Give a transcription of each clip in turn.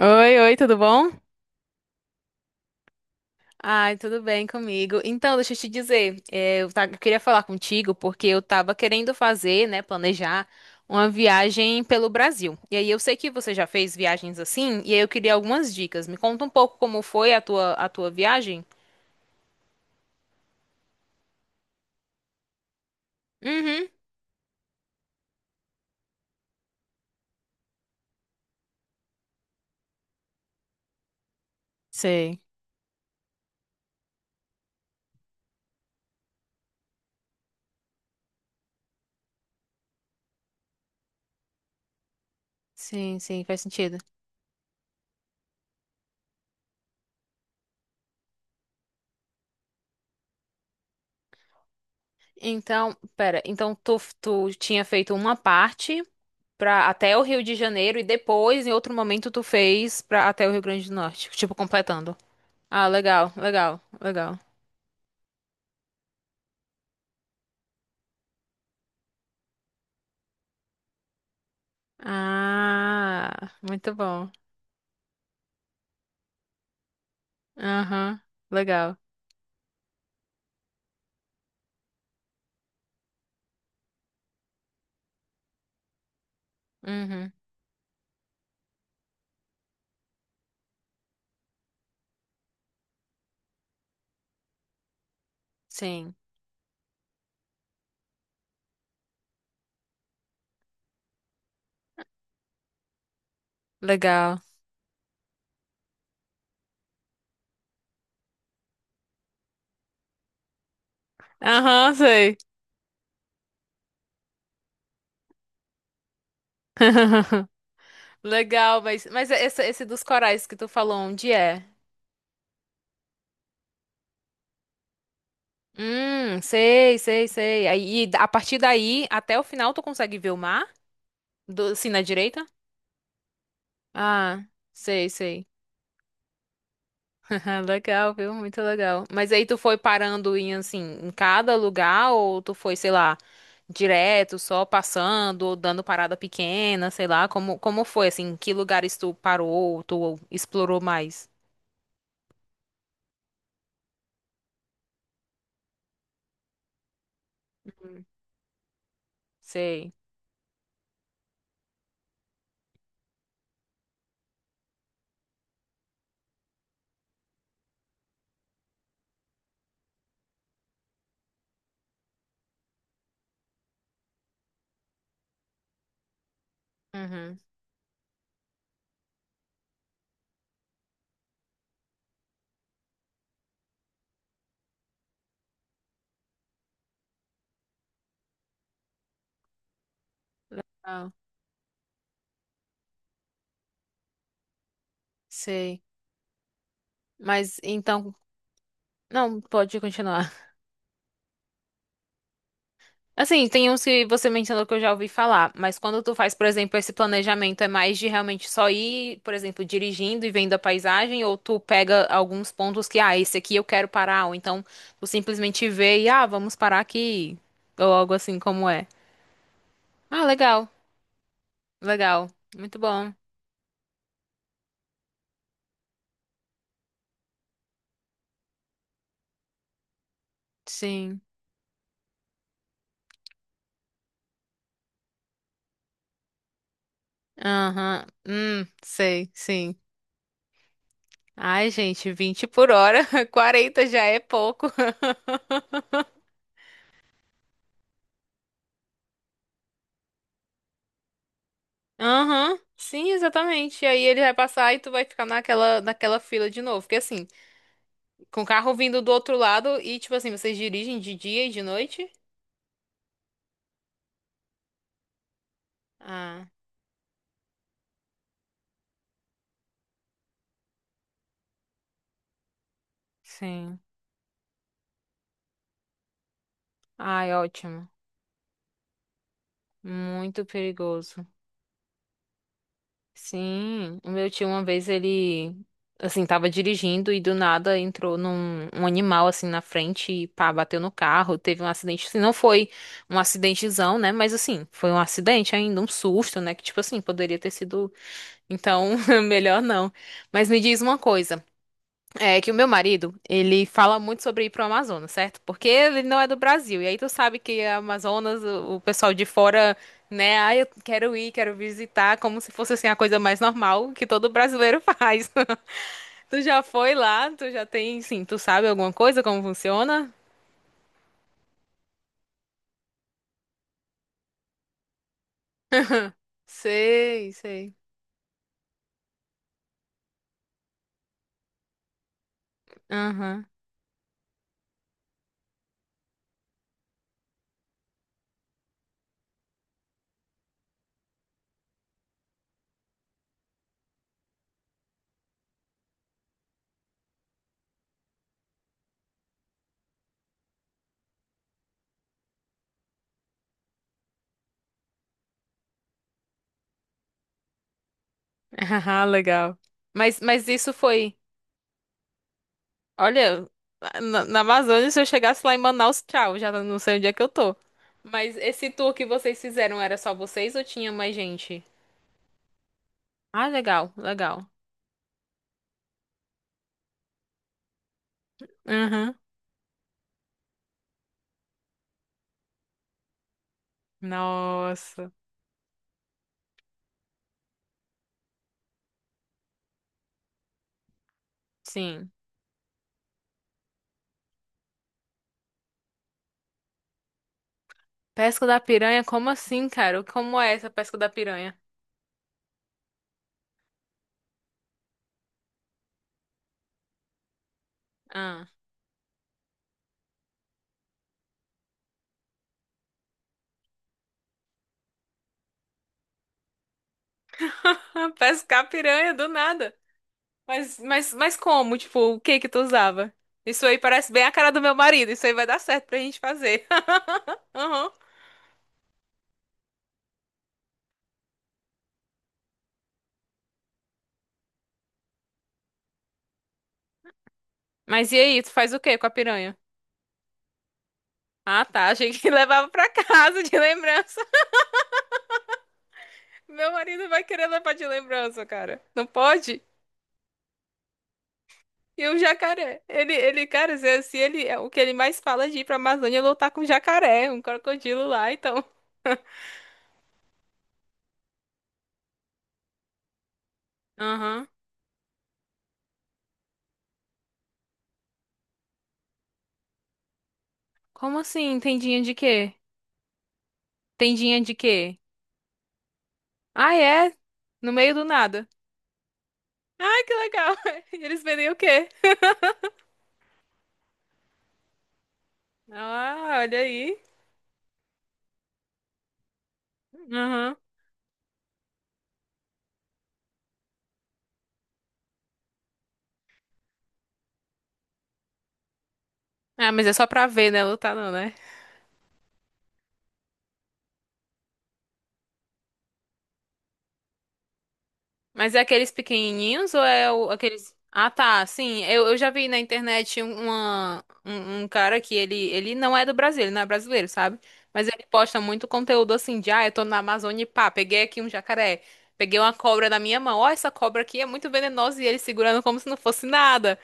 Oi, oi, tudo bom? Ai, tudo bem comigo. Então, deixa eu te dizer, eu queria falar contigo porque eu tava querendo fazer, né, planejar uma viagem pelo Brasil. E aí eu sei que você já fez viagens assim, e aí eu queria algumas dicas. Me conta um pouco como foi a tua viagem? Uhum. Sei. Sim, sim, faz sentido. Então, pera, então tu tinha feito uma parte para até o Rio de Janeiro e depois, em outro momento, tu fez para até o Rio Grande do Norte, tipo completando. Ah, legal, legal, legal. Ah, muito bom. Aham, legal. Uhum, sim, legal. Aham, sei. Legal, mas, mas esse dos corais que tu falou, onde é? Sei, sei, sei. Aí, e a partir daí, até o final, tu consegue ver o mar? Do, assim, na direita? Ah, sei, sei. Ah, legal, viu? Muito legal. Mas aí tu foi parando em assim, em cada lugar ou tu foi, sei lá, direto, só passando ou dando parada pequena, sei lá, como foi assim, em que lugares tu parou, tu explorou mais? Sei. Uhum. Legal. Sei. Mas então, não, pode continuar. Assim, tem uns que você mencionou que eu já ouvi falar, mas quando tu faz, por exemplo, esse planejamento, é mais de realmente só ir, por exemplo, dirigindo e vendo a paisagem, ou tu pega alguns pontos que, ah, esse aqui eu quero parar, ou então tu simplesmente vê e, ah, vamos parar aqui, ou algo assim como é. Ah, legal, legal, muito bom, sim, aham, hum, sei, sim. Ai, gente, 20 por hora, 40 já é pouco. Aham, sim, exatamente. E aí ele vai passar e tu vai ficar naquela fila de novo. Porque assim, com o carro vindo do outro lado e tipo assim, vocês dirigem de dia e de noite? Ah, sim. Ai, ótimo. Muito perigoso. Sim, o meu tio uma vez ele, assim, tava dirigindo e do nada entrou num animal assim na frente e pá, bateu no carro. Teve um acidente, assim, não foi um acidentezão, né? Mas assim, foi um acidente ainda, um susto, né? Que tipo assim, poderia ter sido. Então, melhor não. Mas me diz uma coisa, é que o meu marido, ele fala muito sobre ir pro Amazonas, certo? Porque ele não é do Brasil. E aí tu sabe que a Amazonas, o pessoal de fora, né, ah, eu quero ir, quero visitar, como se fosse assim a coisa mais normal que todo brasileiro faz. Tu já foi lá? Tu já tem, sim, tu sabe alguma coisa como funciona? Sei, sei. Aham. Ah, legal. Mas isso foi. Olha, na Amazônia, se eu chegasse lá em Manaus, tchau, já não sei onde é que eu tô. Mas esse tour que vocês fizeram era só vocês ou tinha mais gente? Ah, legal, legal. Uhum. Nossa. Sim. Pesca da piranha? Como assim, cara? Como é essa pesca da piranha? Ah. Pescar piranha do nada. Mas como? Tipo, o que que tu usava? Isso aí parece bem a cara do meu marido. Isso aí vai dar certo pra gente fazer. Uhum. Mas e aí, tu faz o que com a piranha? Ah, tá. Achei que levava pra casa de lembrança. Meu marido vai querer levar de lembrança, cara. Não pode? E o jacaré? Ele, cara, se ele, o que ele mais fala é de ir pra Amazônia é lutar com jacaré, um crocodilo lá, então. Aham. Como assim? Tendinha de quê? Tendinha de quê? Ah, é? No meio do nada. Ai, que legal. E eles vendem o quê? Ah, olha aí. Aham. Ah, mas é só pra ver, né? Lutar não, né? Mas é aqueles pequenininhos ou é aqueles. Ah, tá, sim. Eu já vi na internet um cara que ele não é do Brasil, ele não é brasileiro, sabe? Mas ele posta muito conteúdo assim de, ah, eu tô na Amazônia e pá, peguei aqui um jacaré, peguei uma cobra na minha mão, ó, essa cobra aqui é muito venenosa e ele segurando como se não fosse nada.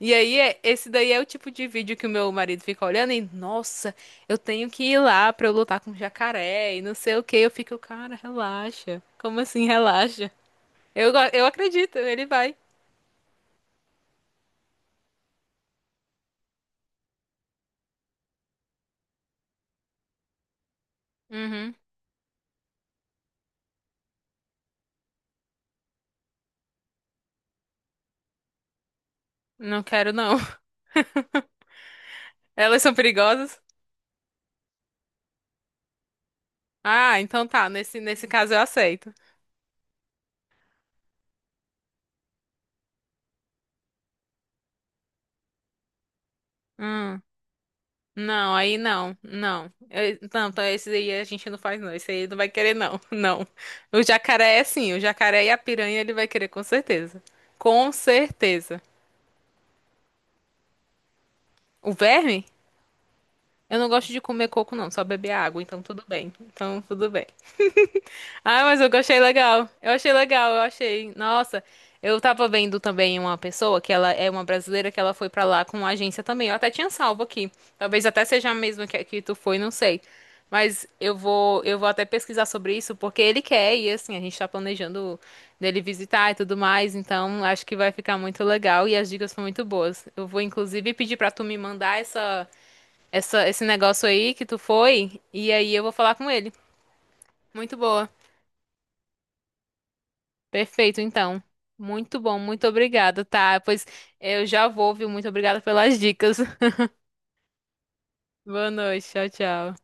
E aí, esse daí é o tipo de vídeo que o meu marido fica olhando e, nossa, eu tenho que ir lá pra eu lutar com o jacaré e não sei o que. Eu fico, cara, relaxa. Como assim, relaxa? Eu acredito, ele vai. Uhum. Não quero, não. Elas são perigosas? Ah, então tá. Nesse caso eu aceito. Hum. Não, aí não. Não. Não, então esse aí a gente não faz, não. Esse aí não vai querer, não. Não. O jacaré é sim. O jacaré e a piranha ele vai querer, com certeza. Com certeza. O verme? Eu não gosto de comer coco, não. Só beber água. Então tudo bem. Então tudo bem. Ah, mas eu achei legal. Eu achei legal, eu achei. Nossa, eu tava vendo também uma pessoa que ela é uma brasileira que ela foi pra lá com uma agência também. Eu até tinha salvo aqui. Talvez até seja a mesma que tu foi, não sei. Mas eu vou até pesquisar sobre isso porque ele quer e assim, a gente tá planejando dele visitar e tudo mais, então acho que vai ficar muito legal e as dicas são muito boas. Eu vou inclusive pedir pra tu me mandar esse negócio aí que tu foi e aí eu vou falar com ele. Muito boa. Perfeito, então. Muito bom, muito obrigada, tá? Pois eu já vou, viu? Muito obrigada pelas dicas. Boa noite, tchau, tchau.